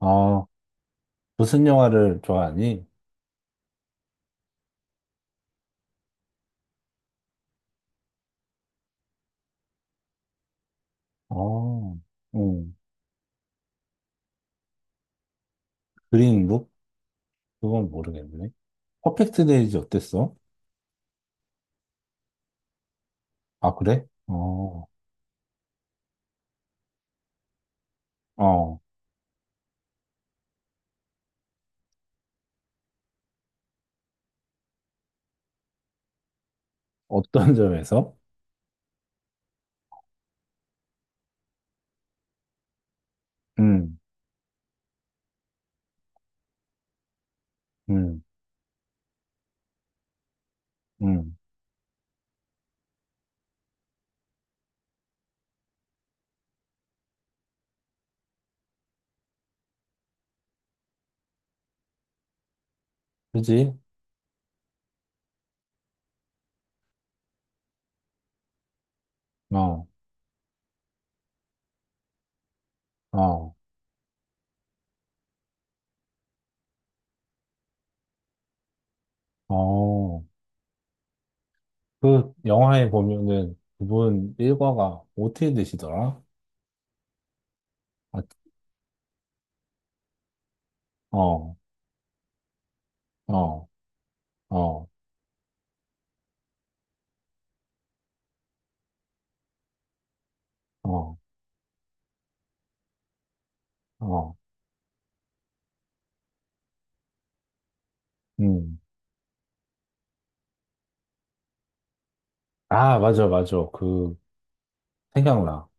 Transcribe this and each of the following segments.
아, 무슨 영화를 좋아하니? 어, 음, 그린북? 그건 모르겠네. 퍼펙트 데이즈 어땠어? 아, 그래? 어, 어, 어떤 점에서? 음, 음, 음, 그지? 어, 어, 어. 그 영화에 보면은 그분 일과가 어떻게 되시더라? 아, 어, 어, 어, 어, 어, 음. 아, 맞아, 맞아. 그, 생각나.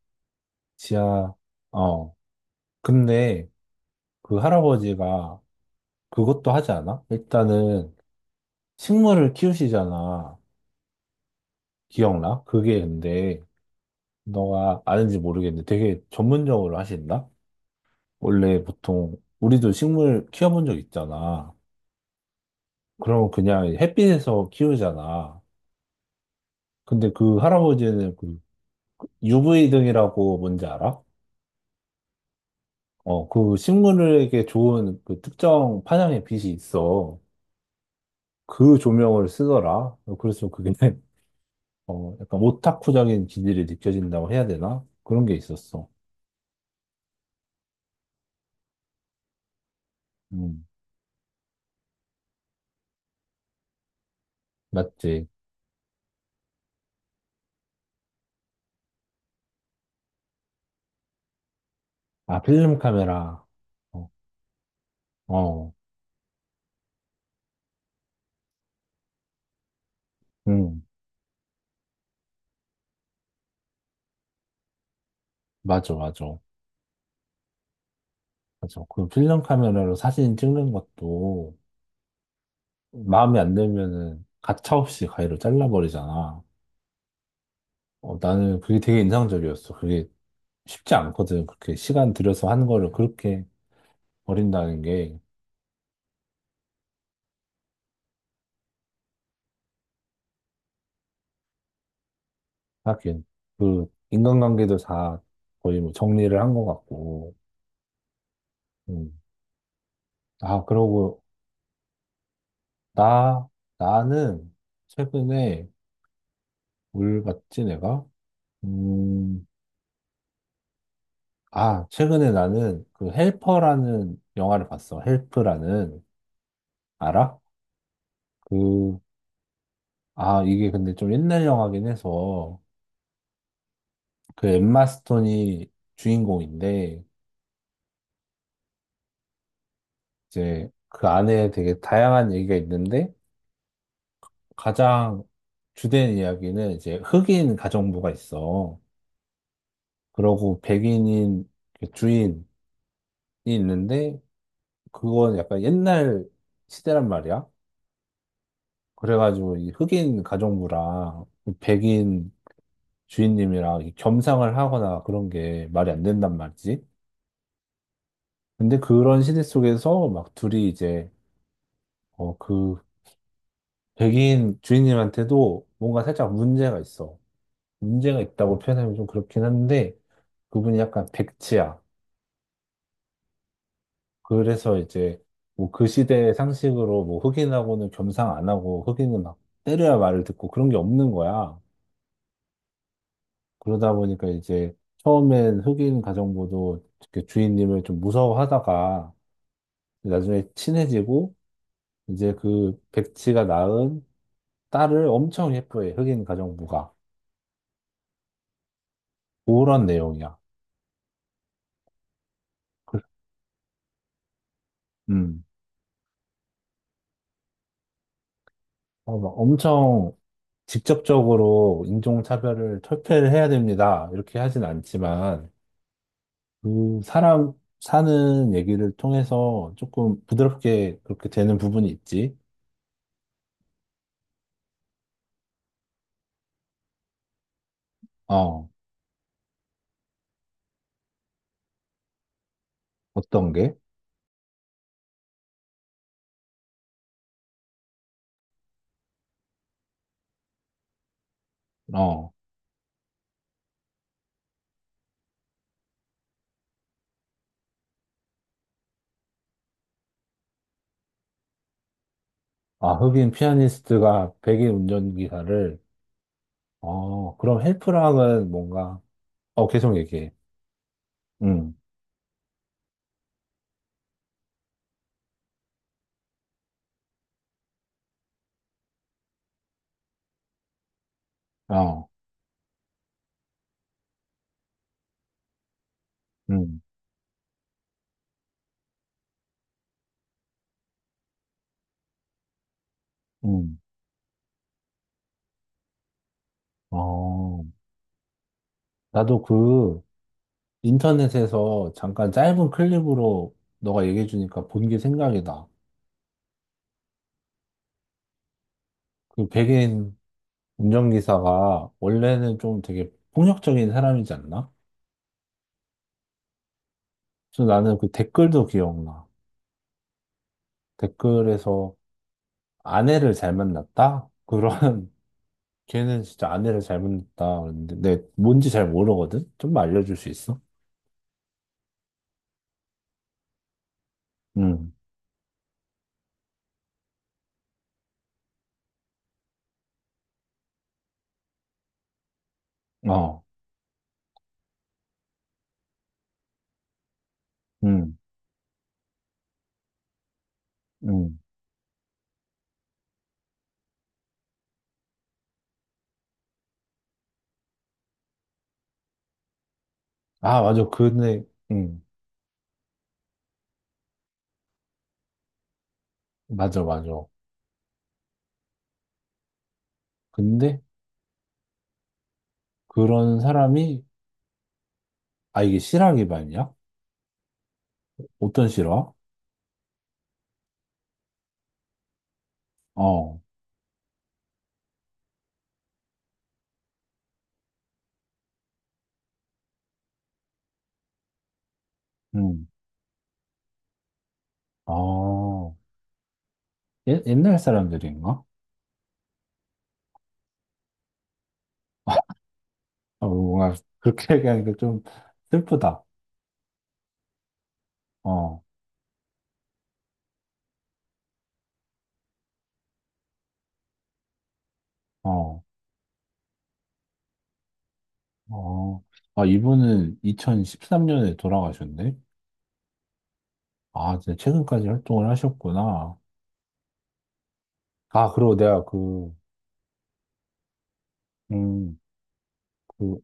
지하, 어. 근데, 그 할아버지가 그것도 하지 않아? 일단은 식물을 키우시잖아. 기억나? 그게 근데 너가 아는지 모르겠는데 되게 전문적으로 하신다? 원래 보통 우리도 식물 키워본 적 있잖아. 그럼 그냥 햇빛에서 키우잖아. 근데 그 할아버지는 그 UV 등이라고 뭔지 알아? 어, 그 식물에게 좋은 그 특정 파장의 빛이 있어. 그 조명을 쓰더라. 그래서 그게 어, 약간 오타쿠적인 기질이 느껴진다고 해야 되나? 그런 게 있었어. 음, 맞지. 아, 필름 카메라. 어, 어, 음, 맞아, 맞아. 맞아. 그 필름 카메라로 사진 찍는 것도 마음에 안 들면은 가차없이 가위로 잘라버리잖아. 어, 나는 그게 되게 인상적이었어. 그게 쉽지 않거든. 그렇게 시간 들여서 한 거를 그렇게 버린다는 게, 하긴, 그, 인간관계도 다 거의 뭐 정리를 한 것 같고, 음. 아, 그러고 나, 나는 최근에 뭘 봤지, 내가? 음, 아, 최근에 나는 그 헬퍼라는 영화를 봤어. 헬프라는. 알아? 그, 아, 이게 근데 좀 옛날 영화긴 해서 그 엠마 스톤이 주인공인데 이제 그 안에 되게 다양한 얘기가 있는데 가장 주된 이야기는 이제 흑인 가정부가 있어. 그러고 백인인 그 주인이 있는데 그건 약간 옛날 시대란 말이야. 그래가지고 이 흑인 가정부랑 이 백인 주인님이랑 이 겸상을 하거나 그런 게 말이 안 된단 말이지. 근데 그런 시대 속에서 막 둘이 이제 어, 그 백인 주인님한테도 뭔가 살짝 문제가 있어. 문제가 있다고 표현하면 좀 그렇긴 한데 그분이 약간 백치야. 그래서 이제 뭐 그 시대의 상식으로 뭐 흑인하고는 겸상 안 하고 흑인은 막 때려야 말을 듣고 그런 게 없는 거야. 그러다 보니까 이제 처음엔 흑인 가정부도 이렇게 주인님을 좀 무서워하다가 나중에 친해지고 이제 그 백치가 낳은 딸을 엄청 예뻐해, 흑인 가정부가. 그런 내용이야. 그- 음. 어, 막 엄청 직접적으로 인종차별을 철폐를 해야 됩니다. 이렇게 하진 않지만 그 사람 사는 얘기를 통해서 조금 부드럽게 그렇게 되는 부분이 있지. 어, 어떤 게? 어. 아, 흑인 피아니스트가 백인 운전기사를, 어, 그럼 헬프랑은 뭔가, 어, 계속 얘기해. 응, 어, 응, 응, 어. 나도 그 인터넷에서 잠깐 짧은 클립으로 너가 얘기해주니까 본 게 생각이 나. 그 백인 운전기사가 원래는 좀 되게 폭력적인 사람이지 않나? 그래서 나는 그 댓글도 기억나. 댓글에서 아내를 잘 만났다? 그런 걔는 진짜 아내를 잘못 낳았다 그랬는데 내 뭔지 잘 모르거든? 좀 알려줄 수 있어? 응, 어, 응, 응. 아, 맞아. 근데, 응, 맞아, 맞아. 근데 그런 사람이, 아, 이게 실화 기반이야? 어떤 실화? 어, 응, 어, 옛, 옛날 사람들인가? 어, 뭔가 그렇게 얘기하니까 좀 슬프다. 어, 어, 어. 아, 이분은 2013년에 돌아가셨네? 아, 진짜 최근까지 활동을 하셨구나. 아, 그리고 내가 그, 음, 그,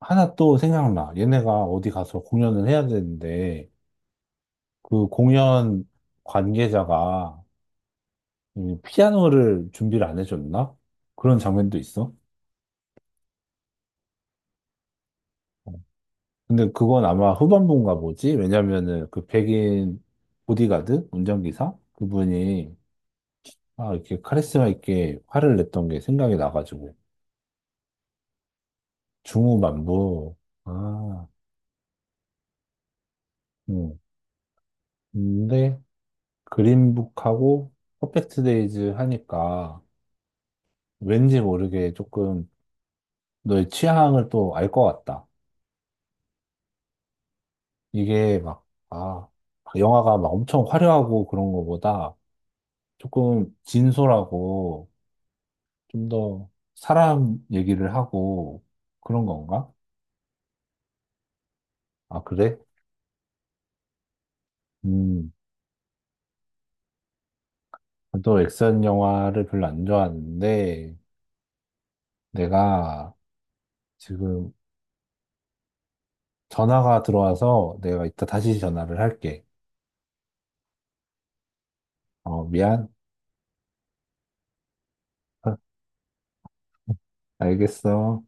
하나 또 생각나. 얘네가 어디 가서 공연을 해야 되는데, 그 공연 관계자가 이 피아노를 준비를 안 해줬나? 그런 장면도 있어. 어. 근데 그건 아마 후반부인가 보지? 왜냐면은 그 백인 보디가드? 운전기사? 그분이 아, 이렇게 카리스마 있게 화를 냈던 게 생각이 나가지고. 중후반부. 아, 음. 근데, 그린북하고 퍼펙트 데이즈 하니까 왠지 모르게 조금 너의 취향을 또 알 것 같다. 이게 막, 아, 영화가 막 엄청 화려하고 그런 거보다 조금 진솔하고 좀 더 사람 얘기를 하고 그런 건가? 아, 그래? 음, 또 액션 영화를 별로 안 좋아하는데 내가 지금 전화가 들어와서 내가 이따 다시 전화를 할게. 어, 미안. 알겠어.